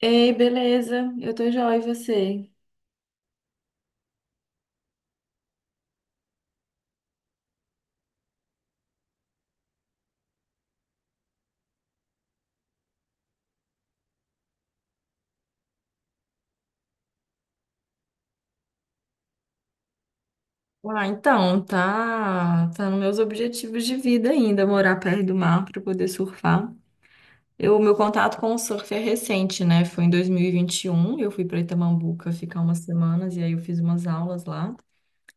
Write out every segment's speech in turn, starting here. Ei, beleza? Eu tô joia, e você? Ah, então, tá nos meus objetivos de vida ainda, morar perto do mar para poder surfar. Meu contato com o surf é recente, né? Foi em dois mil e vinte e um. Eu fui para Itamambuca ficar umas semanas e aí eu fiz umas aulas lá.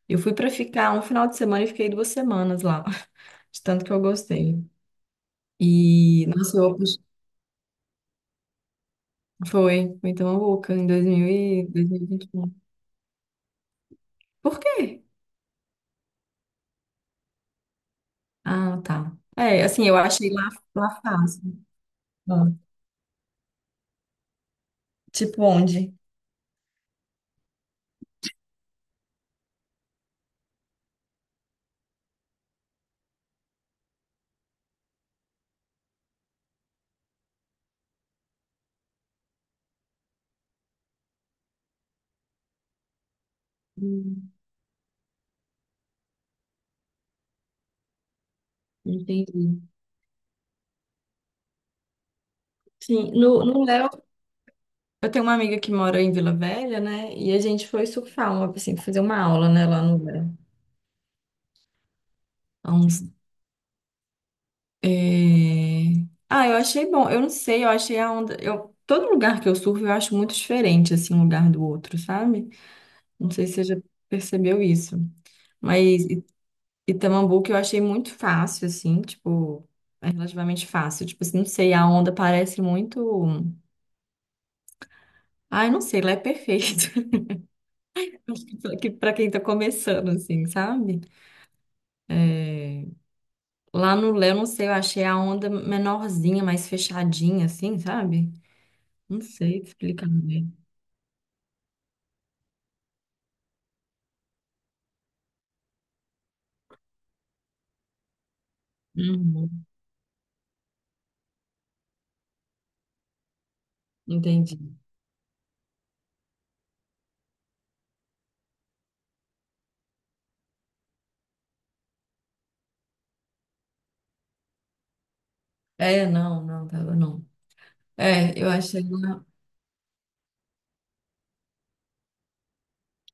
Eu fui para ficar um final de semana e fiquei duas semanas lá, de tanto que eu gostei. E, nossa, eu, foi, foi em Itamambuca em dois mil e vinte e um. Por quê? Ah, tá. Lá fácil. Ah, Tipo onde? Hum. Entendi. Sim, no Léo, eu tenho uma amiga que mora em Vila Velha, né? E a gente foi surfar, uma, assim, fazer uma aula, né, lá no Léo. Há uns- é, Ah, eu achei bom. Eu não sei, eu achei a onda. Todo lugar que eu surfo eu acho muito diferente, assim, um lugar do outro, sabe? Não sei se você já percebeu isso. Mas I- Itamambuca eu achei muito fácil, assim, tipo, é relativamente fácil. Tipo assim, não sei, a onda parece muito. Ai, não sei, lá é perfeito. Acho que pra quem tá começando, assim, sabe? É, Lá no Léo, não sei, eu achei a onda menorzinha, mais fechadinha, assim, sabe? Não sei explicar bem. Uhum, entendi. É, não, não, tava não. É, eu achei lá.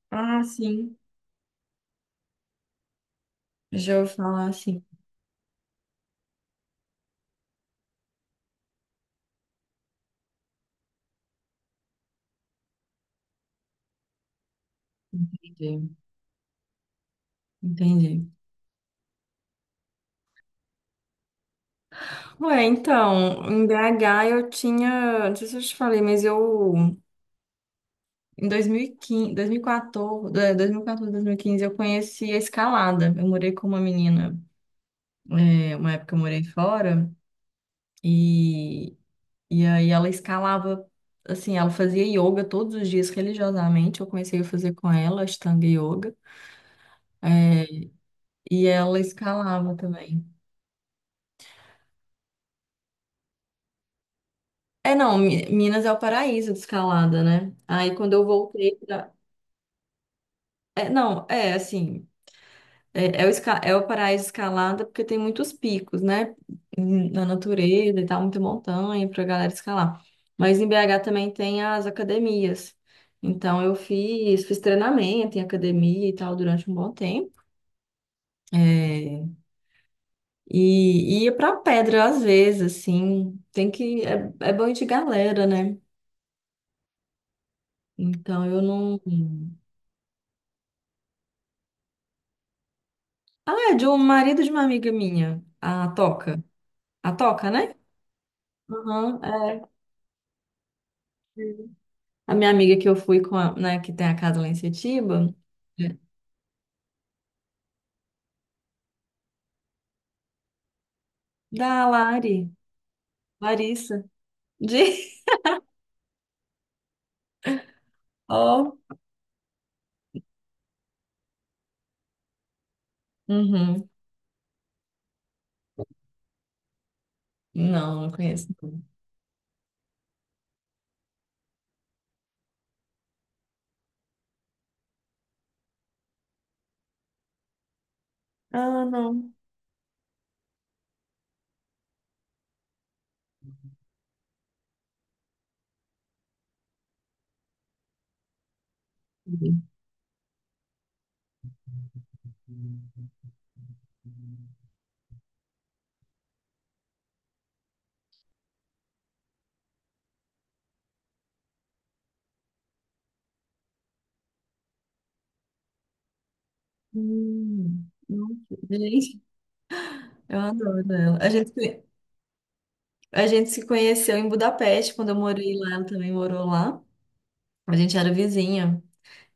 Ah, sim. Já ouvi falar assim. Entendi. Entendi. Ué, então, em BH eu tinha. Não sei se eu te falei, mas eu. Em 2014, 2015, eu conheci a escalada. Eu morei com uma menina, uma época eu morei fora, e, e aí ela escalava, assim, ela fazia yoga todos os dias religiosamente. Eu comecei a fazer com ela, Ashtanga Yoga, é, e ela escalava também. É, não, Minas é o paraíso de escalada, né? Aí quando eu voltei pra. É, não, é assim. É, é é o paraíso escalada porque tem muitos picos, né? Na natureza e tal, muita montanha pra galera escalar. Mas em BH também tem as academias. Então eu fiz treinamento em academia e tal durante um bom tempo. É, e ia pra pedra às vezes, assim. Tem que. É, é bom ir de galera, né? Então eu não. Ah, é de um marido de uma amiga minha, a Toca. A Toca, né? Aham, é. A minha amiga que eu fui com a, né, que tem a casa lá em Setiba, é, da Lari, Larissa, de... Oh. Uhum. Não, não conheço. Ah, não. Não. Gente, eu adoro ela. A gente se conheceu em Budapeste, quando eu morei lá, ela também morou lá. A gente era vizinha.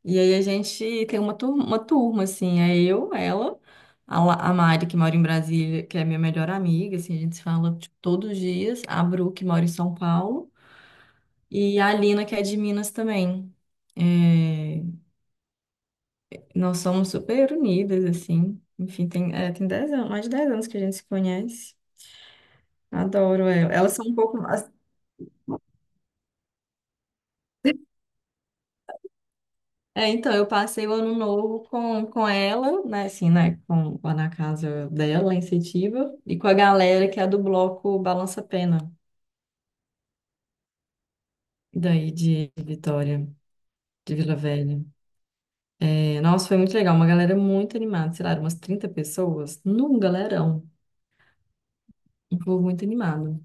E aí a gente tem uma turma assim, é eu, ela, a Mari, que mora em Brasília, que é minha melhor amiga, assim, a gente se fala tipo, todos os dias, a Bru, que mora em São Paulo, e a Alina, que é de Minas também. É, nós somos super unidas, assim, enfim, tem 10 anos, mais de 10 anos que a gente se conhece. Adoro ela. Elas são um pouco mais. É, então, eu passei o ano novo com ela, né, assim, né, com, lá na casa dela, lá em Setiba, e com a galera que é do bloco Balança Pena, daí de Vitória, de Vila Velha. É, nossa, foi muito legal, uma galera muito animada, sei lá, eram umas 30 pessoas, num galerão, um povo muito animado.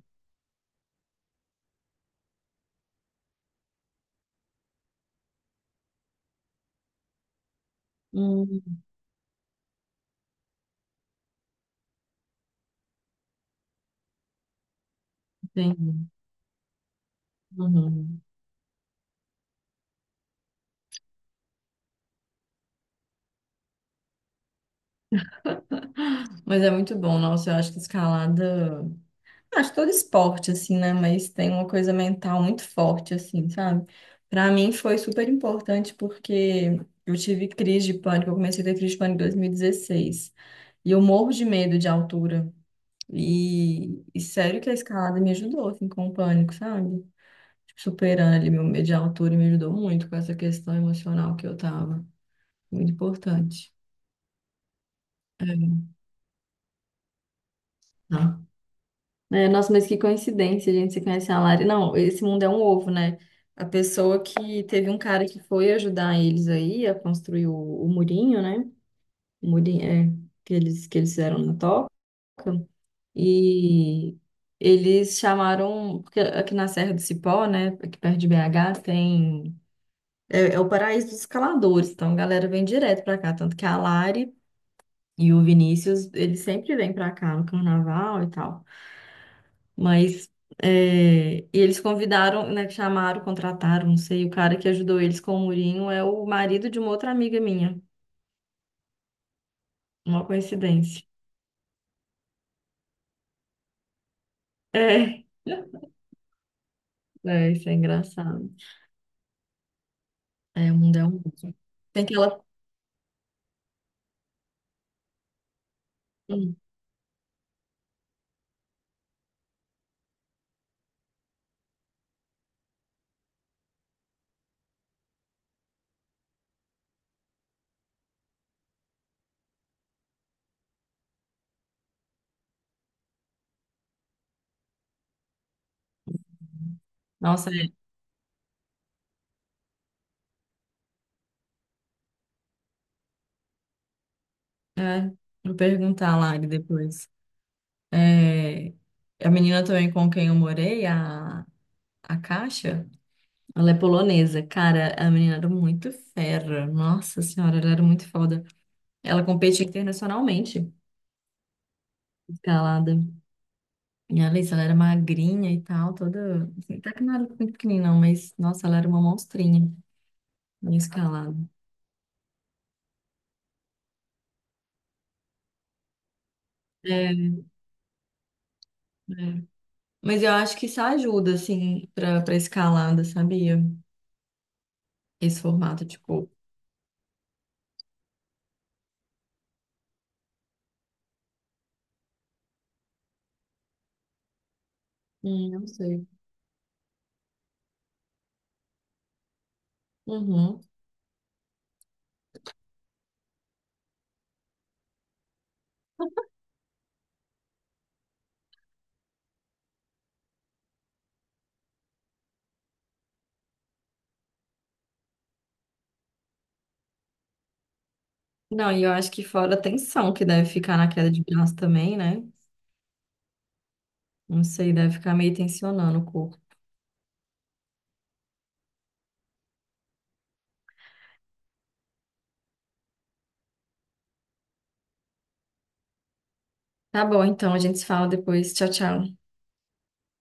Hum, entendi. Uhum. Mas é muito bom, nossa, eu acho que escalada. Acho todo esporte, assim, né? Mas tem uma coisa mental muito forte, assim, sabe? Pra mim foi super importante porque eu tive crise de pânico. Eu comecei a ter crise de pânico em 2016. E dezesseis. E eu morro de medo de altura. E sério que a escalada me ajudou, assim, com o pânico, sabe? Tipo, superando ali meu medo de altura me ajudou muito com essa questão emocional que eu tava. Muito importante. É. É, nossa, mas que coincidência, gente, você conhece a Lari. Não, esse mundo é um ovo, né? A pessoa que teve um cara que foi ajudar eles aí a construir o murinho, né? O murinho, é, que que eles fizeram na toca. E eles chamaram, porque aqui na Serra do Cipó, né, aqui perto de BH, é o paraíso dos escaladores, então a galera vem direto pra cá, tanto que a Lari e o Vinícius, eles sempre vêm pra cá no carnaval e tal. Mas é, e eles convidaram, né, chamaram, contrataram, não sei, o cara que ajudou eles com o murinho é o marido de uma outra amiga minha. Uma coincidência. É, é, isso é engraçado. É, o mundo é um mundo. Tem que ela. Hum. Nossa, é, vou perguntar a Lari depois. É, a menina também com quem eu morei, a Caixa, ela é polonesa. Cara, a menina era muito fera. Nossa senhora, ela era muito foda. Ela competia internacionalmente. Escalada. E a Alice, ela era magrinha e tal, toda. Assim, até que não era muito pequenininha, não, mas nossa, ela era uma monstrinha em escalada. É, é. Mas eu acho que isso ajuda, assim, pra, pra escalada, sabia? Esse formato, tipo. Eu sei. Uhum. Não, e eu acho que fora a tensão que deve ficar na queda de braço também, né? Não sei, deve ficar meio tensionando o corpo. Tá bom, então, a gente se fala depois. Tchau, tchau.